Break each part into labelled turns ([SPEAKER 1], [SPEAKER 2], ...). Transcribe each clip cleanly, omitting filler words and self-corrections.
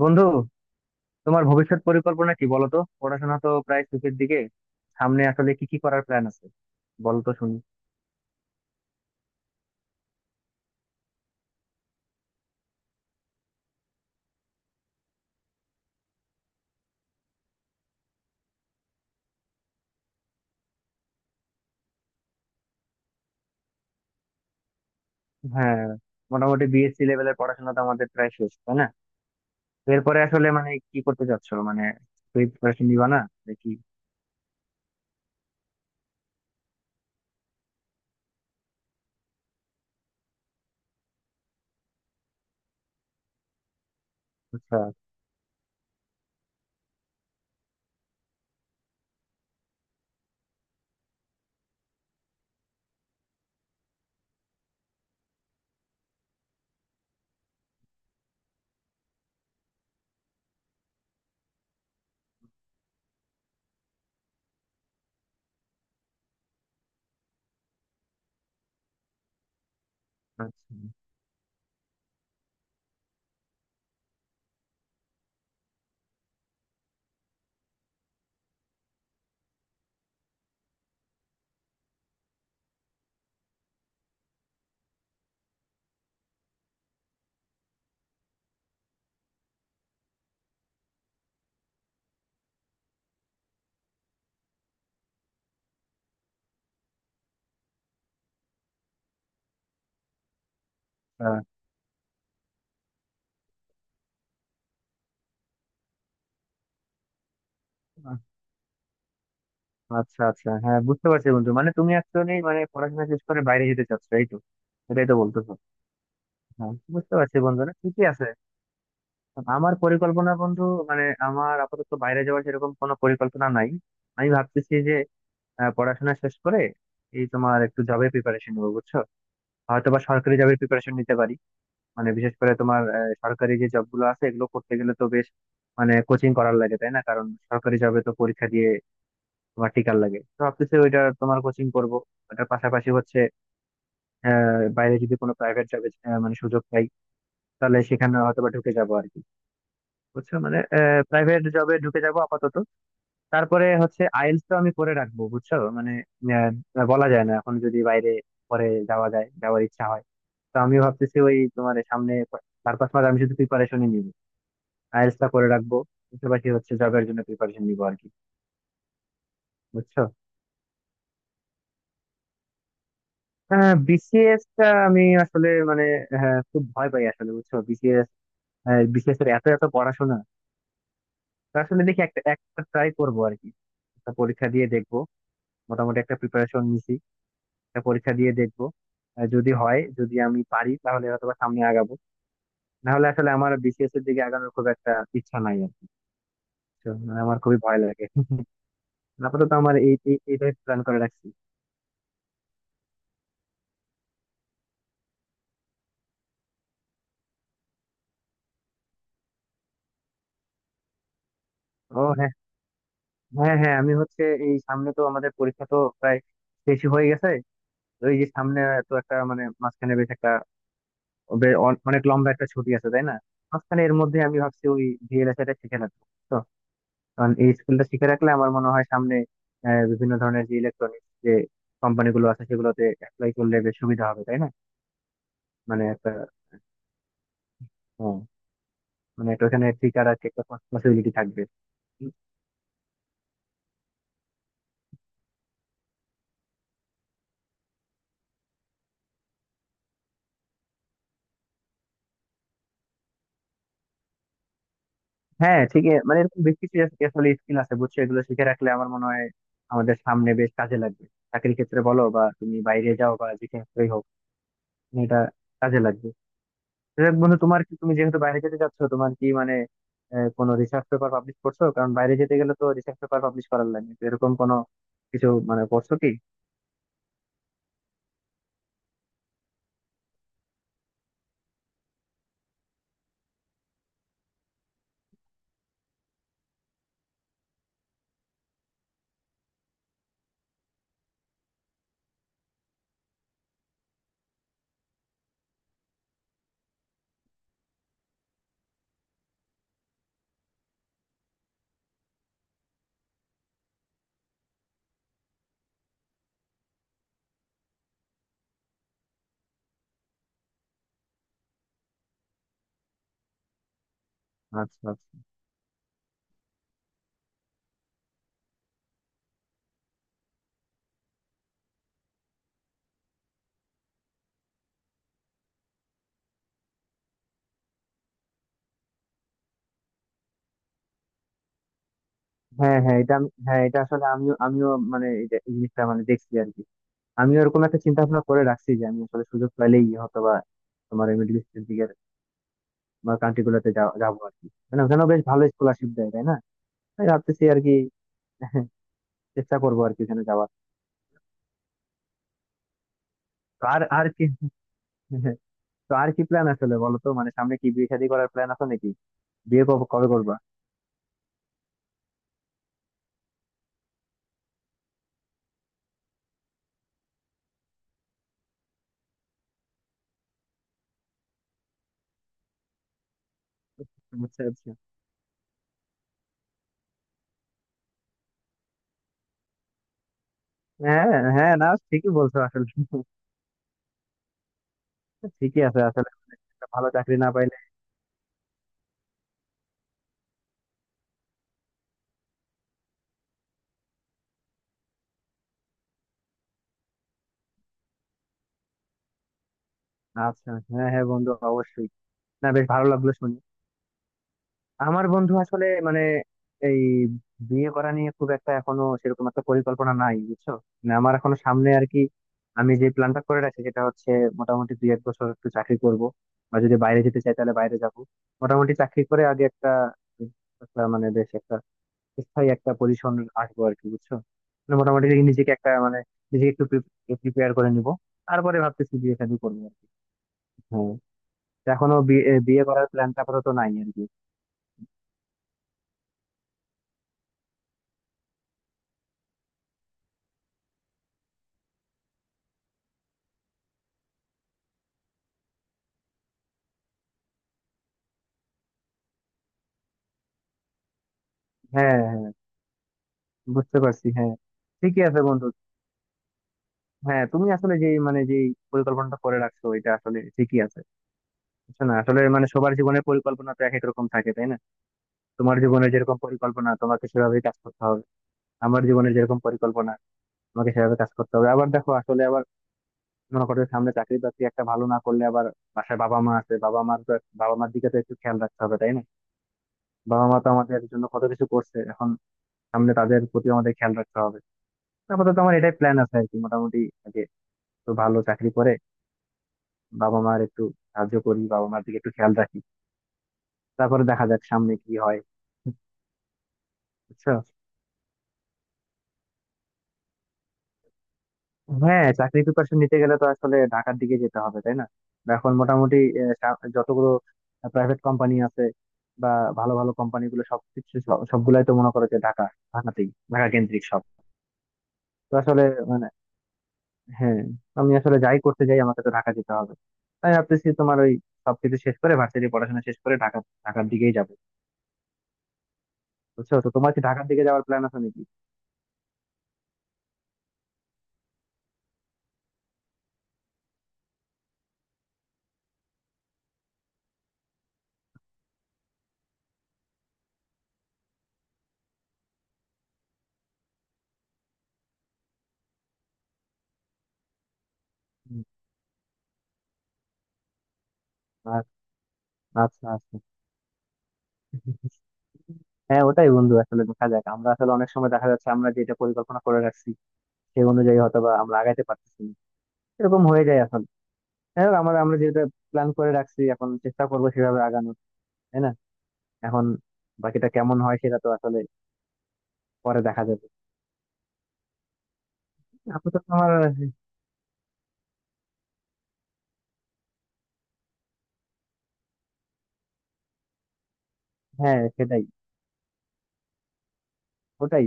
[SPEAKER 1] বন্ধু, তোমার ভবিষ্যৎ পরিকল্পনা কি বলো তো? পড়াশোনা তো প্রায় শেষের দিকে, সামনে আসলে কি কি করার প্ল্যান আছে বলো তো শুনি। হ্যাঁ, মোটামুটি বিএসসি লেভেলের পড়াশোনা তো আমাদের প্রায় শেষ, তাই না? এরপরে আসলে কি করতে চাচ্ছ? তুই প্রিপারেশন দিবা না নাকি? আচ্ছা আচ্ছা। আহ, আচ্ছা আচ্ছা, হ্যাঁ বুঝতে পারছি বন্ধু। তুমি একজনই পড়াশোনা শেষ করে বাইরে যেতে চাচ্ছ, এই তো? এটাই তো বলতেছো? হ্যাঁ, বুঝতে পারছি বন্ধু, না ঠিকই আছে। আমার পরিকল্পনা বন্ধু, আমার আপাতত বাইরে যাওয়ার সেরকম কোনো পরিকল্পনা নাই। আমি ভাবতেছি যে পড়াশোনা শেষ করে এই তোমার একটু জবের প্রিপারেশন নেবো, বুঝছো? হয়তো বা সরকারি জবের প্রিপারেশন নিতে পারি। বিশেষ করে তোমার সরকারি যে জব গুলো আছে এগুলো করতে গেলে তো বেশ কোচিং করার লাগে, তাই না? কারণ সরকারি জবে তো পরীক্ষা দিয়ে তোমার টিকার লাগে, তো ভাবতেছি ওইটা তোমার কোচিং করব। ওটার পাশাপাশি হচ্ছে বাইরে যদি কোনো প্রাইভেট জবে সুযোগ পাই, তাহলে সেখানে হয়তো বা ঢুকে যাবো আর কি। বুঝছো প্রাইভেট জবে ঢুকে যাবো আপাতত। তারপরে হচ্ছে আইএলটিএস তো আমি করে রাখবো, বুঝছো বলা যায় না, এখন যদি বাইরে পরে যাওয়া যায়, যাওয়ার ইচ্ছা হয়। তো আমি ভাবতেছি ওই তোমার সামনে চার পাঁচ মাস আমি শুধু প্রিপারেশনই নিবো, আইএলটিএস টা করে রাখবো, পাশাপাশি হচ্ছে জবের জন্য প্রিপারেশন নিবো আর কি। বুঝছো, হ্যাঁ বিসিএস টা আমি আসলে হ্যাঁ, খুব ভয় পাই আসলে, বুঝছো? বিসিএস, বিসিএস এর এত এত পড়াশোনা। তো আসলে দেখি একটা একটা ট্রাই করবো আর কি, একটা পরীক্ষা দিয়ে দেখবো। মোটামুটি একটা প্রিপারেশন নিছি, একটা পরীক্ষা দিয়ে দেখবো। যদি হয়, যদি আমি পারি, তাহলে হয়তো বা সামনে আগাবো, না হলে আসলে আমার বিসিএস এর দিকে আগানোর খুব একটা ইচ্ছা নাই আর কি। তো আমার খুবই ভয় লাগে আপাতত আমার এই এই- এইটাই প্ল্যান করে রাখছি। ও হ্যাঁ, হ্যাঁ হ্যাঁ, আমি হচ্ছে এই সামনে তো আমাদের পরীক্ষা তো প্রায় শেষই হয়ে গেছে। তো এই যে সামনে তো একটা মাঝখানে বেশ একটা অনেক লম্বা একটা ছুটি আছে, তাই না? মাঝখানে এর মধ্যে আমি ভাবছি ওই ভিএলএসআই টা শিখে নেবো, কারণ এই স্কিলটা শিখে রাখলে আমার মনে হয় সামনে বিভিন্ন ধরনের যে ইলেকট্রনিক্স যে কোম্পানিগুলো আছে সেগুলোতে অ্যাপ্লাই করলে বেশ সুবিধা হবে, তাই না? একটা হ্যাঁ, একটা ওখানে ফিচার আছে, একটা পসিবিলিটি থাকবে। হ্যাঁ ঠিক এ- মানে এরকম বেশ কিছু আসলে স্কিল আছে বুঝছো, এগুলো শিখে রাখলে আমার মনে হয় আমাদের সামনে বেশ কাজে লাগবে। চাকরির ক্ষেত্রে বলো বা তুমি বাইরে যাও বা যেখানে হোক, এটা কাজে লাগবে। যাক বন্ধু, তোমার কি, তুমি যেহেতু বাইরে যেতে চাচ্ছ তোমার কি কোনো রিসার্চ পেপার পাবলিশ করছো? কারণ বাইরে যেতে গেলে তো রিসার্চ পেপার পাবলিশ করার লাগে, তো এরকম কোনো কিছু করছো কি? আচ্ছা আচ্ছা, হ্যাঁ হ্যাঁ এটা আমি- হ্যাঁ এটা আসলে আমিও আমিও এই জিনিসটা দেখছি আর কি। আমিও এরকম একটা চিন্তা ভাবনা করে রাখছি যে আমি আসলে সুযোগ পাইলেই হয়তো বা তোমার এই মিডল ইস্টের দিকের বা কান্ট্রি গুলোতে যাবো আর কি। ওখানেও বেশ ভালো স্কলারশিপ দেয়, তাই না? তাই ভাবতেছি আর কি, চেষ্টা করবো আর কি ওখানে যাওয়ার। তো আর আর কি তো আর কি প্ল্যান আসলে, বলো তো সামনে কি বিয়ে শাদী করার প্ল্যান আছে নাকি? বিয়ে কবে কবে করবা? আচ্ছা আচ্ছা, হ্যাঁ হ্যাঁ, না ঠিকই বলছো আসলে। ঠিকই আছে আসলে, একটা ভালো চাকরি না পাইলে। আচ্ছা, হ্যাঁ হ্যাঁ, বন্ধু অবশ্যই। না, বেশ ভালো লাগলো শুনে। আমার বন্ধু আসলে এই বিয়ে করা নিয়ে খুব একটা এখনো সেরকম একটা পরিকল্পনা নাই বুঝছো। আমার এখনো সামনে আর কি, আমি যে প্ল্যানটা করে রাখছি সেটা হচ্ছে মোটামুটি দুই এক বছর একটু চাকরি করব, বা যদি বাইরে যেতে চাই তাহলে বাইরে যাব। মোটামুটি চাকরি করে আগে একটা, একটা বেশ একটা স্থায়ী একটা পজিশন আসবো আর কি, বুঝছো? মোটামুটি নিজেকে একটা নিজেকে একটু প্রিপেয়ার করে নিব, তারপরে ভাবতেছি বিয়ে শাদী করবো আর কি। হ্যাঁ, তো এখনো বিয়ে বিয়ে করার প্ল্যানটা আপাতত নাই আর কি। হ্যাঁ হ্যাঁ। বুঝতে পারছি হ্যাঁ, ঠিকই আছে বন্ধু। হ্যাঁ তুমি আসলে যে যে পরিকল্পনাটা করে রাখছো এটা আসলে ঠিকই আছে বুঝছো, না আসলে সবার জীবনের পরিকল্পনা তো এক এক রকম থাকে, তাই না? তোমার জীবনে যেরকম পরিকল্পনা তোমাকে সেভাবে কাজ করতে হবে, আমার জীবনে যেরকম পরিকল্পনা তোমাকে সেভাবে কাজ করতে হবে। আবার দেখো আসলে, আবার মনে করো যে সামনে চাকরি বাকরি একটা ভালো না করলে, আবার বাসায় বাবা মা আছে, বাবা মার তো, বাবা মার দিকে তো একটু খেয়াল রাখতে হবে, তাই না? বাবা মা তো আমাদের জন্য কত কিছু করছে, এখন সামনে তাদের প্রতি আমাদের খেয়াল রাখতে হবে। আপাতত আমার এটাই প্ল্যান আছে আর কি, মোটামুটি আগে তো ভালো চাকরি করে বাবা মার একটু সাহায্য করি, বাবা মার দিকে একটু খেয়াল রাখি, তারপরে দেখা যাক সামনে কি হয়। বুঝছো, হ্যাঁ চাকরি প্রিপারেশন নিতে গেলে তো আসলে ঢাকার দিকে যেতে হবে, তাই না? বা এখন মোটামুটি যতগুলো প্রাইভেট কোম্পানি আছে বা ভালো ভালো কোম্পানি গুলো সবকিছু সবগুলাই তো মনে করো যে ঢাকা, ঢাকাতেই, ঢাকা কেন্দ্রিক সব। তো আসলে মানে হ্যাঁ, আমি আসলে যাই করতে যাই আমাকে তো ঢাকা যেতে হবে। তাই ভাবতেছি তোমার ওই সবকিছু শেষ করে ভার্সিটি পড়াশোনা শেষ করে ঢাকা, ঢাকার দিকেই যাবো। বুঝছো, তো তোমার কি ঢাকার দিকে যাওয়ার প্ল্যান আছে নাকি? হুম। আচ্ছা আচ্ছা, হ্যাঁ ওটাই বন্ধু, আসলে দেখা যাক। আমরা আসলে অনেক সময় দেখা যাচ্ছে আমরা যেটা পরিকল্পনা করে রাখছি সেই অনুযায়ী হয়তো বা আমরা আগাইতে পারতেছি না, এরকম হয়ে যায় আসলে। হ্যাঁ, আমরা আমরা যেটা প্ল্যান করে রাখছি এখন চেষ্টা করবো সেভাবে আগানোর, তাই না? এখন বাকিটা কেমন হয় সেটা তো আসলে পরে দেখা যাবে। আপাতত আমার, হ্যাঁ সেটাই, ওটাই।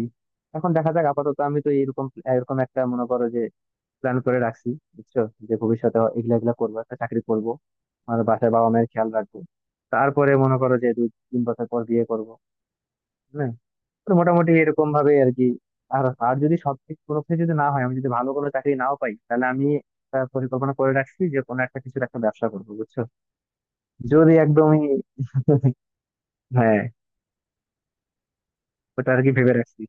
[SPEAKER 1] এখন দেখা যাক, আপাতত আমি তো এরকম এরকম একটা, মনে করো যে প্ল্যান করে রাখছি বুঝছো, যে ভবিষ্যতে এগুলা এগুলা করবো, একটা চাকরি করব, আমার বাসায় বাবা মায়ের খেয়াল রাখবো, তারপরে মনে করো যে দুই তিন বছর পর বিয়ে করবো। হ্যাঁ, তো মোটামুটি এরকম ভাবে আর কি। আর আর যদি সব কিছু, কোনো কিছু যদি না হয়, আমি যদি ভালো কোনো চাকরি নাও পাই, তাহলে আমি একটা পরিকল্পনা করে রাখছি যে কোনো একটা কিছুর একটা ব্যবসা করবো, বুঝছো? যদি একদমই, হ্যাঁ ওটা আর কি ভেবে রাখছি।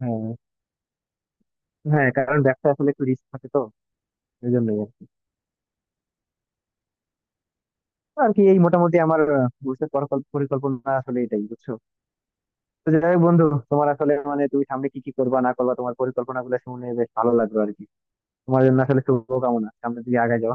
[SPEAKER 1] হ্যাঁ হ্যাঁ, কারণ ব্যবসা আসলে একটু রিস্ক থাকে তো, এই জন্যই আর কি। আর কি এই মোটামুটি আমার ভবিষ্যৎ পরিকল্পনা আসলে এটাই বুঝছো। তো যাই হোক বন্ধু, তোমার আসলে তুমি সামনে কি কি করবা না করবা তোমার পরিকল্পনা গুলো শুনে বেশ ভালো লাগলো আর কি। তোমার জন্য আসলে শুভকামনা, সামনের দিকে আগায় যাও।